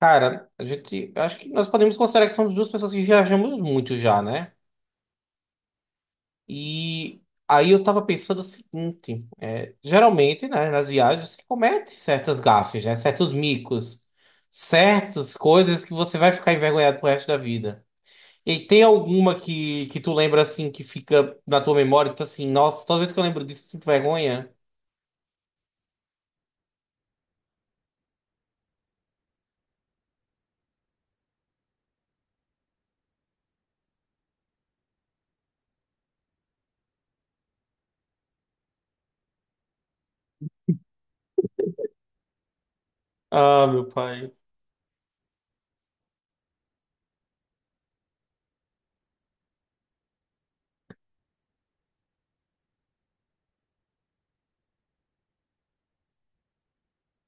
Cara, eu acho que nós podemos considerar que somos duas pessoas que viajamos muito já, né? E aí eu tava pensando o seguinte, é, geralmente, né, nas viagens você comete certas gafes, né, certos micos, certas coisas que você vai ficar envergonhado pro resto da vida. E tem alguma que tu lembra assim que fica na tua memória, tipo assim, nossa, toda vez que eu lembro disso eu sinto vergonha? Ah, meu pai.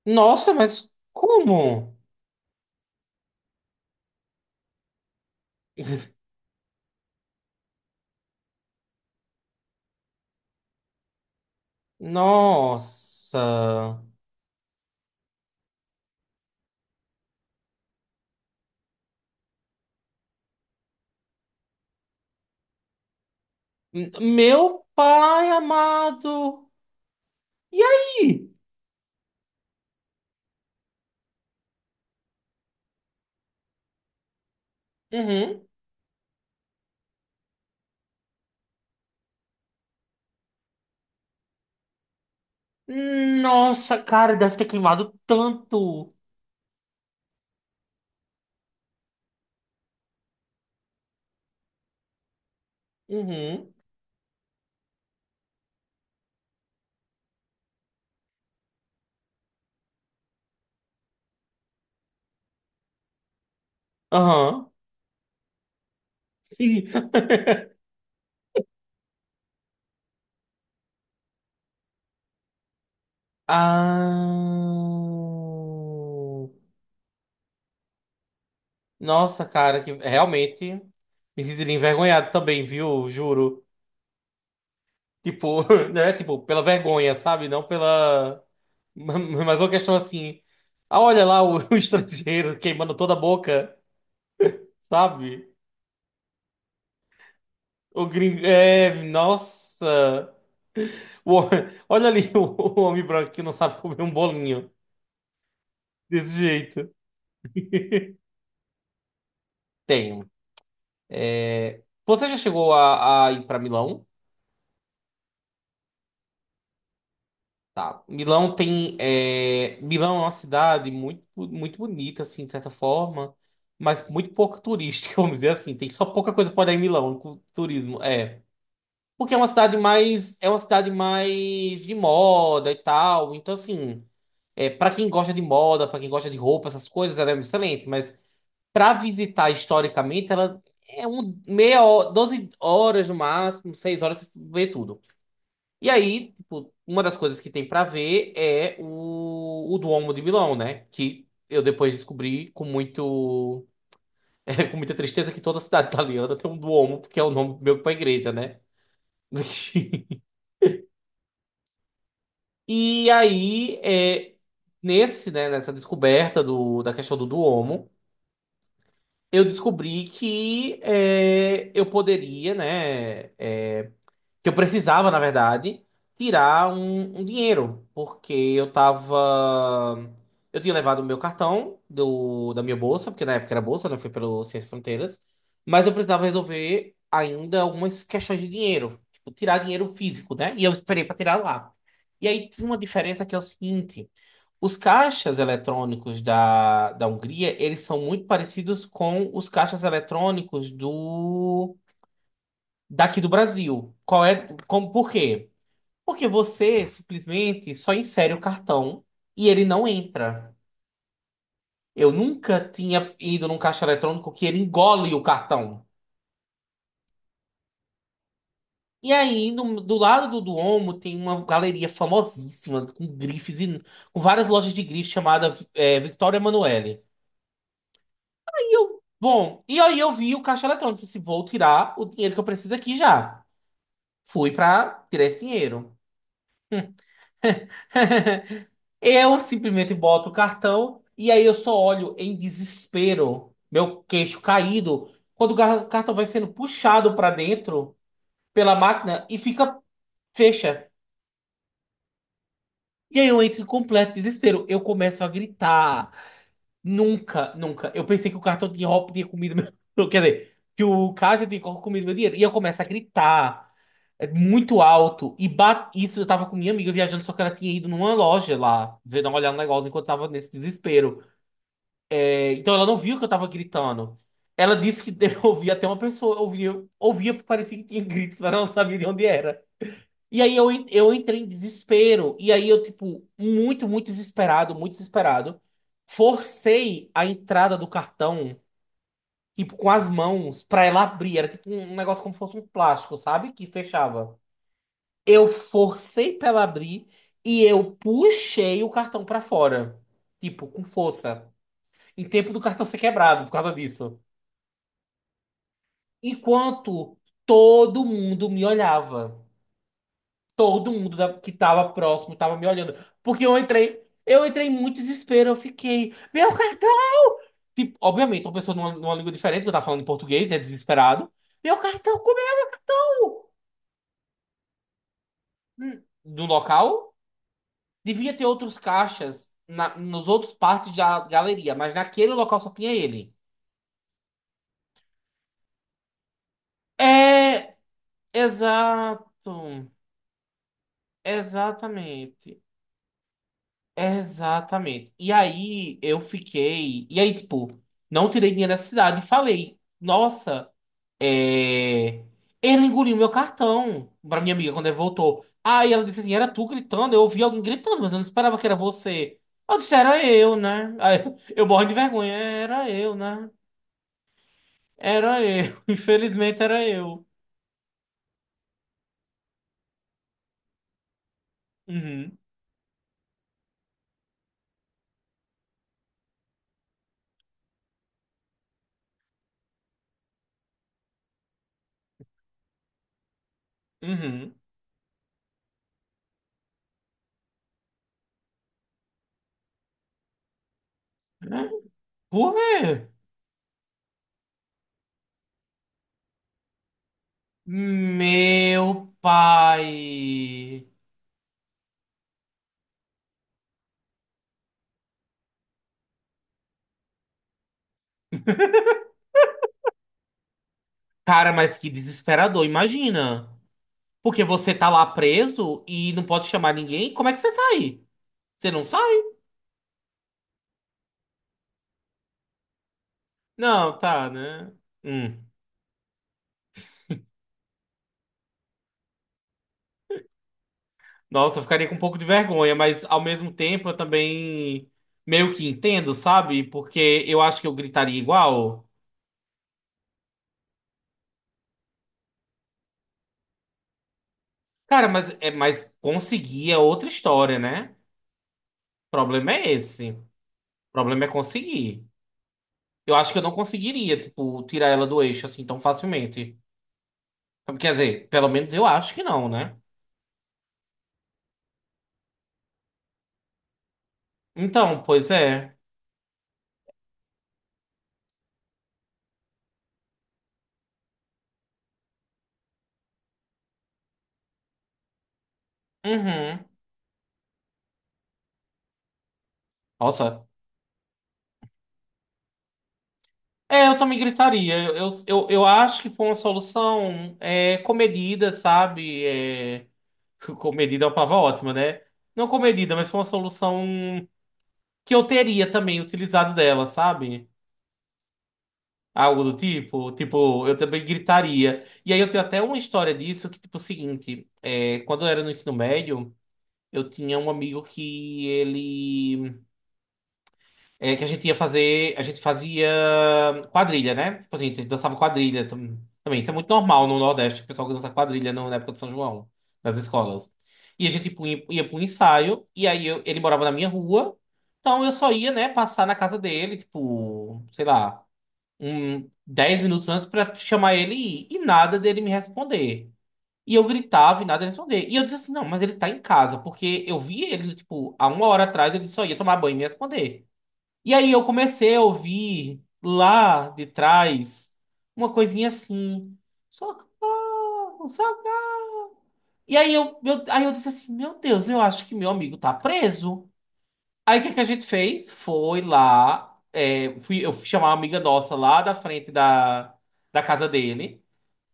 Nossa, mas como? Nossa. Meu pai amado. E aí? Uhum. Nossa, cara, deve ter queimado tanto. Uhum. Aham. Sim. Ah. Nossa, cara, que realmente me sentiria envergonhado também, viu? Juro. Tipo, né? Tipo, pela vergonha, sabe? Não pela. Mas é uma questão assim. Ah, olha lá o, o estrangeiro queimando toda a boca, sabe? O gringo. É, nossa! O homem- olha ali o homem branco que não sabe comer um bolinho desse jeito. Tenho. É, você já chegou a ir para Milão? Tá. Milão tem. É, Milão é uma cidade muito, muito bonita, assim, de certa forma, mas muito pouco turística, vamos dizer assim. Tem só pouca coisa para dar em Milão, com turismo. É. Porque é uma cidade mais, é uma cidade mais de moda e tal. Então, assim, é, para quem gosta de moda, para quem gosta de roupa, essas coisas, ela é excelente. Mas para visitar historicamente, ela é um meia hora, 12 horas no máximo, 6 horas você vê tudo. E aí, tipo, uma das coisas que tem para ver é o Duomo de Milão, né? Que eu depois descobri com muito, com muita tristeza que toda cidade italiana tem um Duomo, porque é o nome meu para igreja, né? E aí, é, nessa descoberta da questão do Duomo, eu descobri que é, eu poderia, né, é, que eu precisava, na verdade, tirar um dinheiro, porque eu tava. Eu tinha levado o meu cartão da minha bolsa, porque na época era bolsa, né? Foi pelo Ciência Fronteiras, mas eu precisava resolver ainda algumas questões de dinheiro, tipo, tirar dinheiro físico, né? E eu esperei para tirar lá. E aí tinha uma diferença que é o seguinte: os caixas eletrônicos da Hungria, eles são muito parecidos com os caixas eletrônicos do daqui do Brasil. Qual é, como, por quê? Porque você simplesmente só insere o cartão e ele não entra. Eu nunca tinha ido num caixa eletrônico que ele engole o cartão. E aí, do lado do Duomo, tem uma galeria famosíssima, com grifes e com várias lojas de grifes, chamada é, Victoria Emanuele. Aí eu, bom, e aí eu vi o caixa eletrônico. Disse, assim, vou tirar o dinheiro que eu preciso aqui já. Fui pra tirar esse dinheiro. Eu simplesmente boto o cartão e aí eu só olho em desespero, meu queixo caído, quando o cartão vai sendo puxado para dentro pela máquina e fica fecha. E aí eu entro em completo desespero. Eu começo a gritar. Nunca, nunca. Eu pensei que o cartão tinha, tinha comido meu. Quer dizer, que o caixa tinha comido meu dinheiro. E eu começo a gritar é, muito alto. E isso eu tava com minha amiga viajando, só que ela tinha ido numa loja lá, ver dar uma olhada no negócio enquanto eu tava nesse desespero. Então ela não viu que eu tava gritando. Ela disse que eu ouvia até uma pessoa, ouvia, ouvia, porque parecia que tinha gritos, mas ela não sabia de onde era. E aí eu, eu entrei em desespero. E aí eu, tipo, muito, muito desesperado, forcei a entrada do cartão, tipo, com as mãos, pra ela abrir. Era tipo um negócio como se fosse um plástico, sabe? Que fechava. Eu forcei pra ela abrir e eu puxei o cartão pra fora, tipo, com força. Em tempo do cartão ser quebrado por causa disso. Enquanto todo mundo me olhava. Todo mundo que tava próximo tava me olhando. Porque eu entrei em muito desespero. Eu fiquei, meu cartão! Tipo, obviamente, uma pessoa numa língua diferente, que eu tava falando em português, né? Desesperado. Meu cartão comeu! Do local, devia ter outros caixas na, nos outros partes da galeria, mas naquele local só tinha ele. É, exato. Exatamente. Exatamente. E aí eu fiquei. E aí, tipo, não tirei dinheiro da cidade e falei: Nossa, é, ele engoliu meu cartão. Pra minha amiga, quando ele voltou. Aí ela disse assim: Era tu gritando? Eu ouvi alguém gritando, mas eu não esperava que era você. Eu disse: Era eu, né? Aí eu morro de vergonha: Era eu, né? Era eu. Infelizmente era eu. Uhum, uhum. Por quê? Meu pai. Cara, mas que desesperador, imagina. Porque você tá lá preso e não pode chamar ninguém, como é que você sai? Você não sai? Não, tá, né? Hum. Nossa, eu ficaria com um pouco de vergonha, mas ao mesmo tempo eu também meio que entendo, sabe? Porque eu acho que eu gritaria igual. Cara, mas, é, mas conseguir é outra história, né? O problema é esse. O problema é conseguir. Eu acho que eu não conseguiria, tipo, tirar ela do eixo assim tão facilmente. Quer dizer, pelo menos eu acho que não, né? Então, pois é. Uhum. Nossa. É, eu também gritaria. Eu acho que foi uma solução é, comedida, sabe? É, comedida é uma palavra ótima, né? Não comedida, mas foi uma solução que eu teria também utilizado dela, sabe? Algo do tipo. Tipo, eu também gritaria. E aí eu tenho até uma história disso que, tipo, é o seguinte: é, quando eu era no ensino médio, eu tinha um amigo que ele. É que a gente ia fazer, a gente fazia quadrilha, né? Tipo assim, a gente dançava quadrilha também. Isso é muito normal no Nordeste, o pessoal que dança quadrilha na época de São João, nas escolas. E a ia para um ensaio, e aí ele morava na minha rua, então eu só ia, né, passar na casa dele, tipo, sei lá, um 10 minutos antes pra chamar ele e ir, e nada dele me responder. E eu gritava e nada ele responder. E eu disse assim, não, mas ele tá em casa, porque eu vi ele, tipo, há uma hora atrás ele só ia tomar banho e me responder. E aí eu comecei a ouvir lá de trás uma coisinha assim. Socorro, socorro. E aí eu, aí eu disse assim, meu Deus, eu acho que meu amigo tá preso. Aí o que que a gente fez? Foi lá, é, fui, eu fui chamar uma amiga nossa lá da frente da casa dele.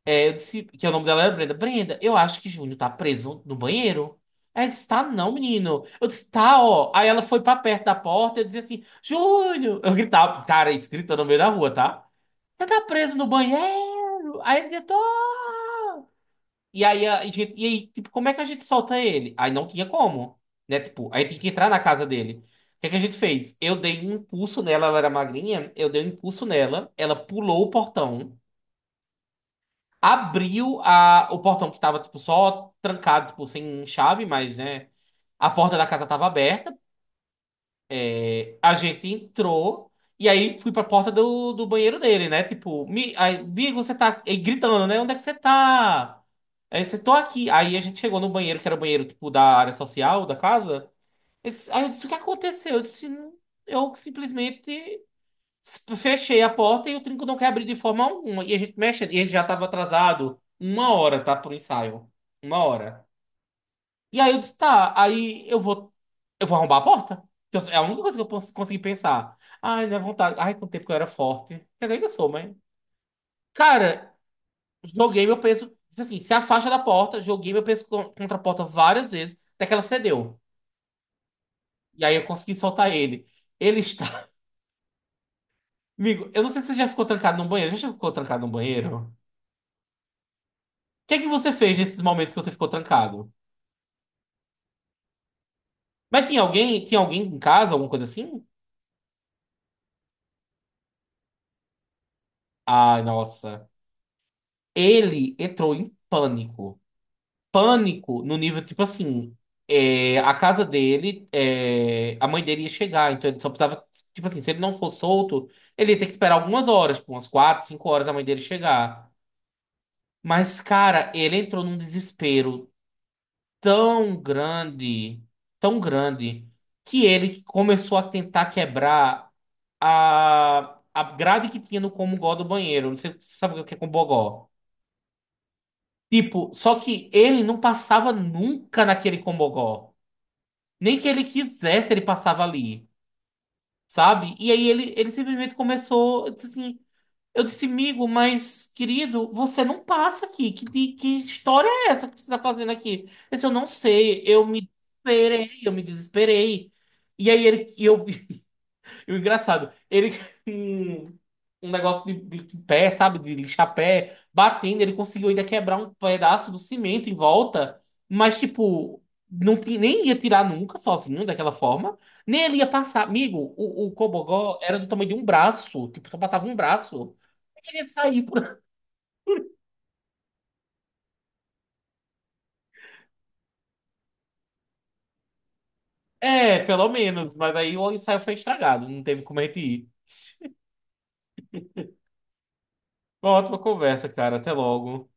É, eu disse que o nome dela era Brenda. Brenda, eu acho que Júnior tá preso no banheiro. Ela disse, tá não, menino. Eu disse, tá, ó. Aí ela foi pra perto da porta, e eu dizia assim, Júnior! Eu gritava, cara, escrita no meio da rua, tá? Você tá preso no banheiro? Aí ele dizia, tô. E aí, a gente, e aí, tipo, como é que a gente solta ele? Aí não tinha como, né? Tipo, aí tem que entrar na casa dele. O que é que a gente fez? Eu dei um impulso nela, ela era magrinha, eu dei um impulso nela, ela pulou o portão. Abriu a, o portão que tava, tipo, só trancado, tipo, sem chave, mas, né? A porta da casa tava aberta. É, a gente entrou. E aí fui pra porta do banheiro dele, né? Tipo, aí, Migo, você tá aí gritando, né? Onde é que você tá? Aí você tô aqui. Aí a gente chegou no banheiro, que era o banheiro, tipo, da área social da casa. Aí eu disse, o que aconteceu? Eu disse, "Não, eu simplesmente fechei a porta e o trinco não quer abrir de forma alguma. E a gente mexe, e ele já estava atrasado 1 hora, tá? Pro ensaio. 1 hora. E aí eu disse, tá, aí eu vou. Eu vou arrombar a porta. É a única coisa que eu consegui pensar. Ai, minha vontade. Ai, com o tempo que eu era forte. Quer dizer, ainda sou, mas. Cara, joguei meu peso. Assim, se afasta da porta, joguei meu peso contra a porta várias vezes, até que ela cedeu. E aí eu consegui soltar ele. Ele está. Amigo, eu não sei se você já ficou trancado num banheiro. Já ficou trancado num banheiro? Que é que você fez nesses momentos que você ficou trancado? Mas tinha alguém em casa, alguma coisa assim? Ai, nossa. Ele entrou em pânico. Pânico no nível, tipo assim, é, a casa dele, é, a mãe dele ia chegar, então ele só precisava, tipo assim, se ele não for solto, ele ia ter que esperar algumas horas, tipo, umas quatro, cinco horas a mãe dele chegar. Mas, cara, ele entrou num desespero tão grande, tão grande, que ele começou a tentar quebrar a grade que tinha no Comungó do banheiro. Não sei se você sabe o que é Combogó. Tipo, só que ele não passava nunca naquele Combogó. Nem que ele quisesse, ele passava ali, sabe? E aí ele simplesmente começou, eu disse assim, eu disse, amigo, mas querido, você não passa aqui. Que, que história é essa que você está fazendo aqui? Eu disse, eu não sei, eu me desesperei, eu me desesperei. E aí ele, e eu, e o engraçado, ele com um negócio de pé, sabe? De lixar pé, batendo, ele conseguiu ainda quebrar um pedaço do cimento em volta, mas tipo, não, nem ia tirar nunca sozinho daquela forma, nem ele ia passar. Amigo, o Cobogó era do tamanho de um braço, tipo, só passava um braço. Eu queria sair por. É, pelo menos, mas aí o ensaio foi estragado, não teve como a gente ir. Uma ótima conversa, cara. Até logo.